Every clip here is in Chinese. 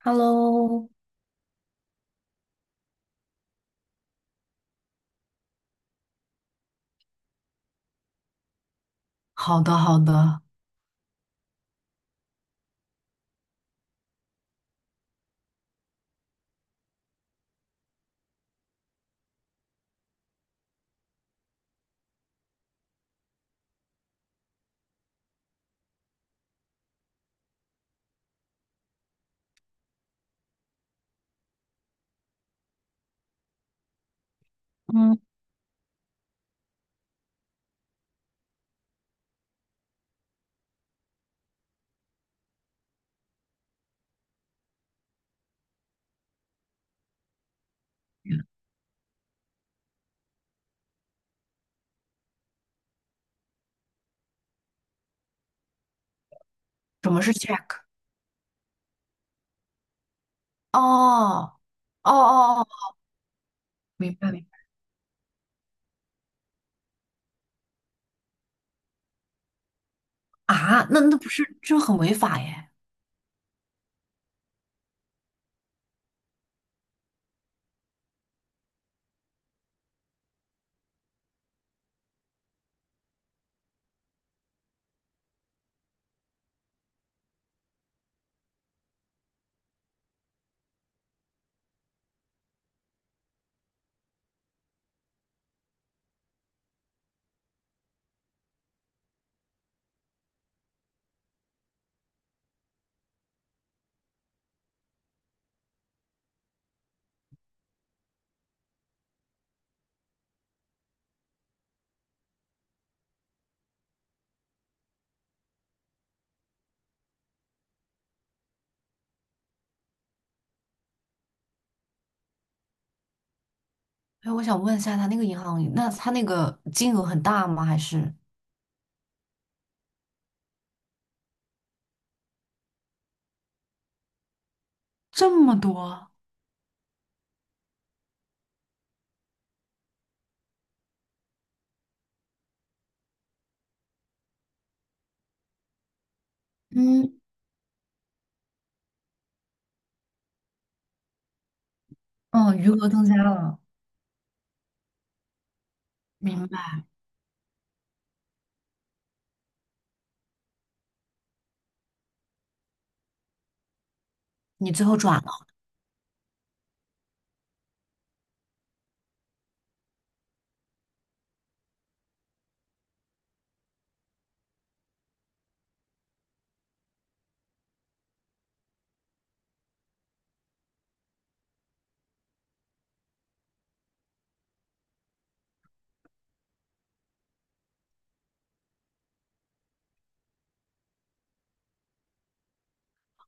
Hello,好的，好的。什么是 check？哦，哦哦哦，明白明白。啊，那不是这很违法耶？哎，我想问一下，他那个银行，那他那个金额很大吗？还是这么多？嗯，哦，余额增加了，明白。你最后转了？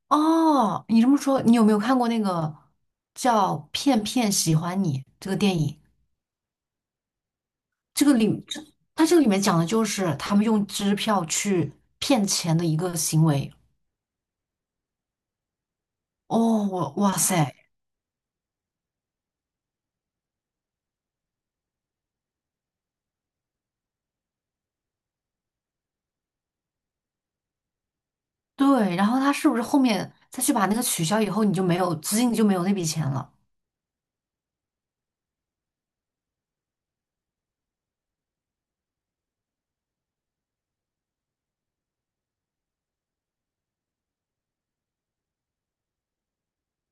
哦，你这么说，你有没有看过那个叫《骗骗喜欢你》这个电影？这个里，这它这个里面讲的就是他们用支票去骗钱的一个行为。哦，哇塞，对，然后他是不是后面再去把那个取消以后，你就没有资金，你就没有那笔钱了？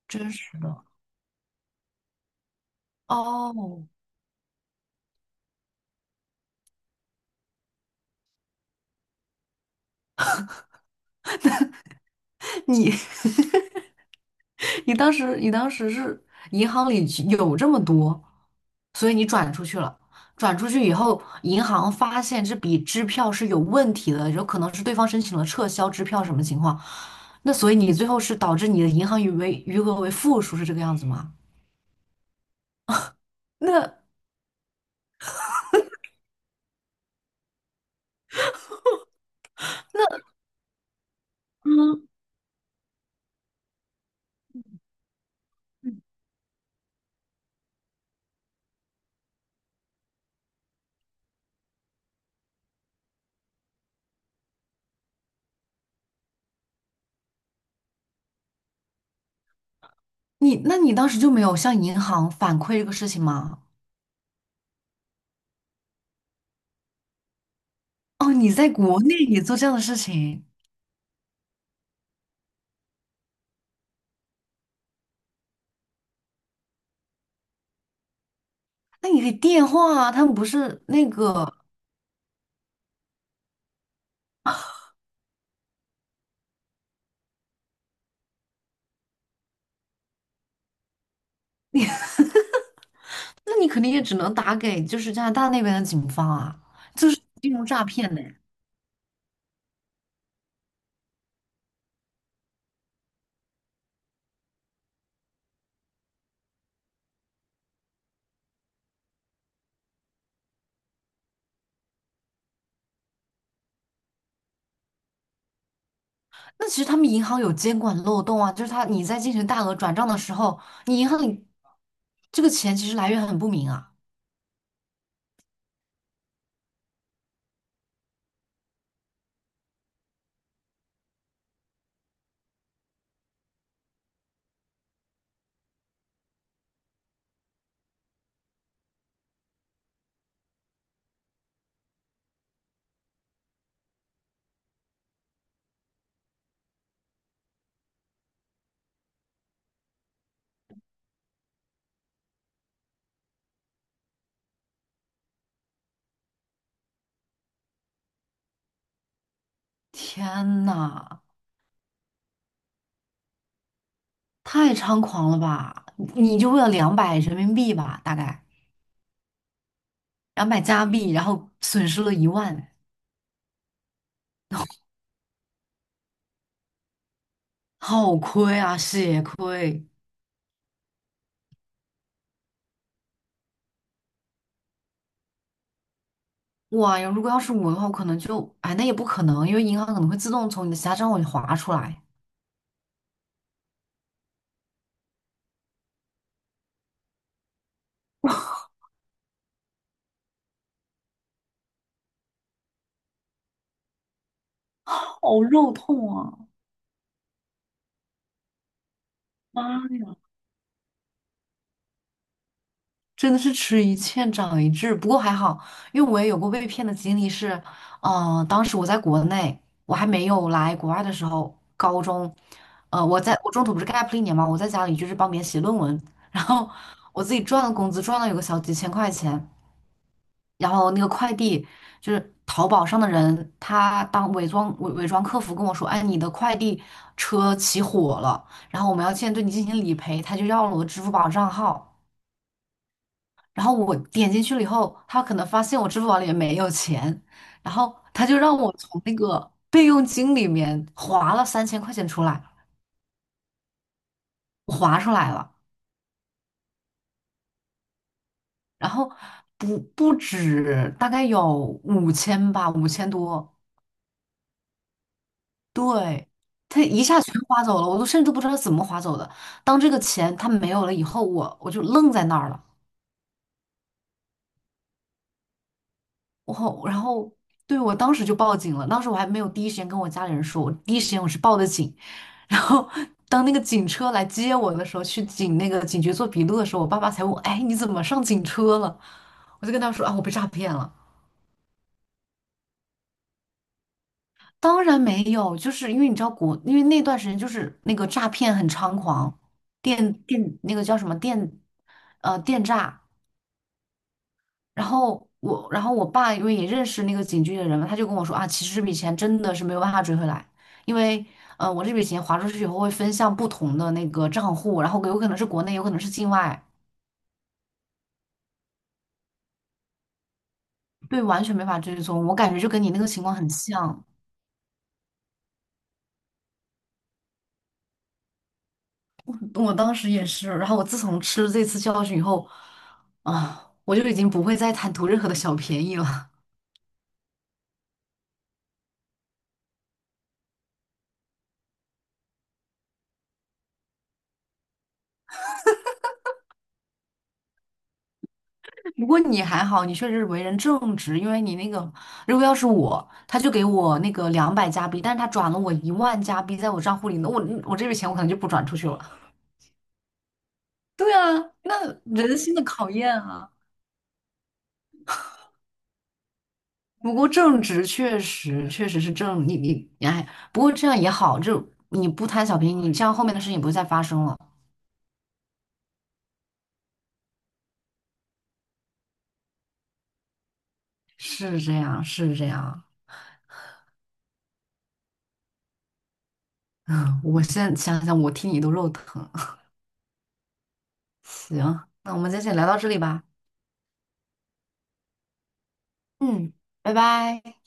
真是的。哦，你 你当时是银行里有这么多，所以你转出去了。转出去以后，银行发现这笔支票是有问题的，有可能是对方申请了撤销支票什么情况？那所以你最后是导致你的银行余额为负数，是这个样子吗？那那你当时就没有向银行反馈这个事情吗？哦，你在国内也做这样的事情，那你可以电话啊，他们不是那个你，那你肯定也只能打给就是加拿大那边的警方啊，就是金融诈骗呢、那其实他们银行有监管漏洞啊，就是他你在进行大额转账的时候，你银行里这个钱其实来源很不明啊。天呐，太猖狂了吧！你就为了200人民币吧，大概。然后买加币，然后损失了一万，好亏啊，血亏！哇呀，如果要是我的话，我可能就，哎，那也不可能，因为银行可能会自动从你的其他账户里划出来，好肉痛啊！真的是吃一堑长一智，不过还好，因为我也有过被骗的经历是，嗯、当时我在国内，我还没有来国外的时候，高中，我中途不是 gap 了一年嘛，我在家里就是帮别人写论文，然后我自己赚了工资，赚了有个小几千块钱。然后那个快递就是淘宝上的人，他当伪装客服跟我说，哎，你的快递车起火了，然后我们要现在对你进行理赔，他就要了我的支付宝账号，然后我点进去了以后，他可能发现我支付宝里面没有钱，然后他就让我从那个备用金里面划了3,000块钱出来，我划出来了，然后不止大概有五千吧，5,000多。对，他一下全划走了，我都甚至不知道他怎么划走的。当这个钱他没有了以后，我就愣在那儿了。然后对我当时就报警了，当时我还没有第一时间跟我家里人说，我第一时间我是报的警。然后当那个警车来接我的时候，去那个警局做笔录的时候，我爸爸才问我，哎，你怎么上警车了？我就跟他说啊，我被诈骗了。当然没有，就是因为你知道国，因为那段时间就是那个诈骗很猖狂，电那个叫什么电，电诈。然后我爸因为也认识那个警局的人嘛，他就跟我说啊，其实这笔钱真的是没有办法追回来，因为我这笔钱划出去以后会分向不同的那个账户，然后有可能是国内，有可能是境外，对，完全没法追踪。我感觉就跟你那个情况很像。我当时也是，然后我自从吃了这次教训以后，啊，我就已经不会再贪图任何的小便宜了。不过你还好，你确实为人正直，因为你那个，如果要是我，他就给我那个200加币，但是他转了我10,000加币在我账户里，那我这笔钱我可能就不转出去了。对啊，那人性的考验啊。不过正直确实确实是正，你哎，不过这样也好，就你不贪小便宜，你这样后面的事情也不会再发生了。是这样，是这样。嗯，我现在想想，我听你都肉疼。行，那我们今天先聊到这里吧。嗯，拜拜。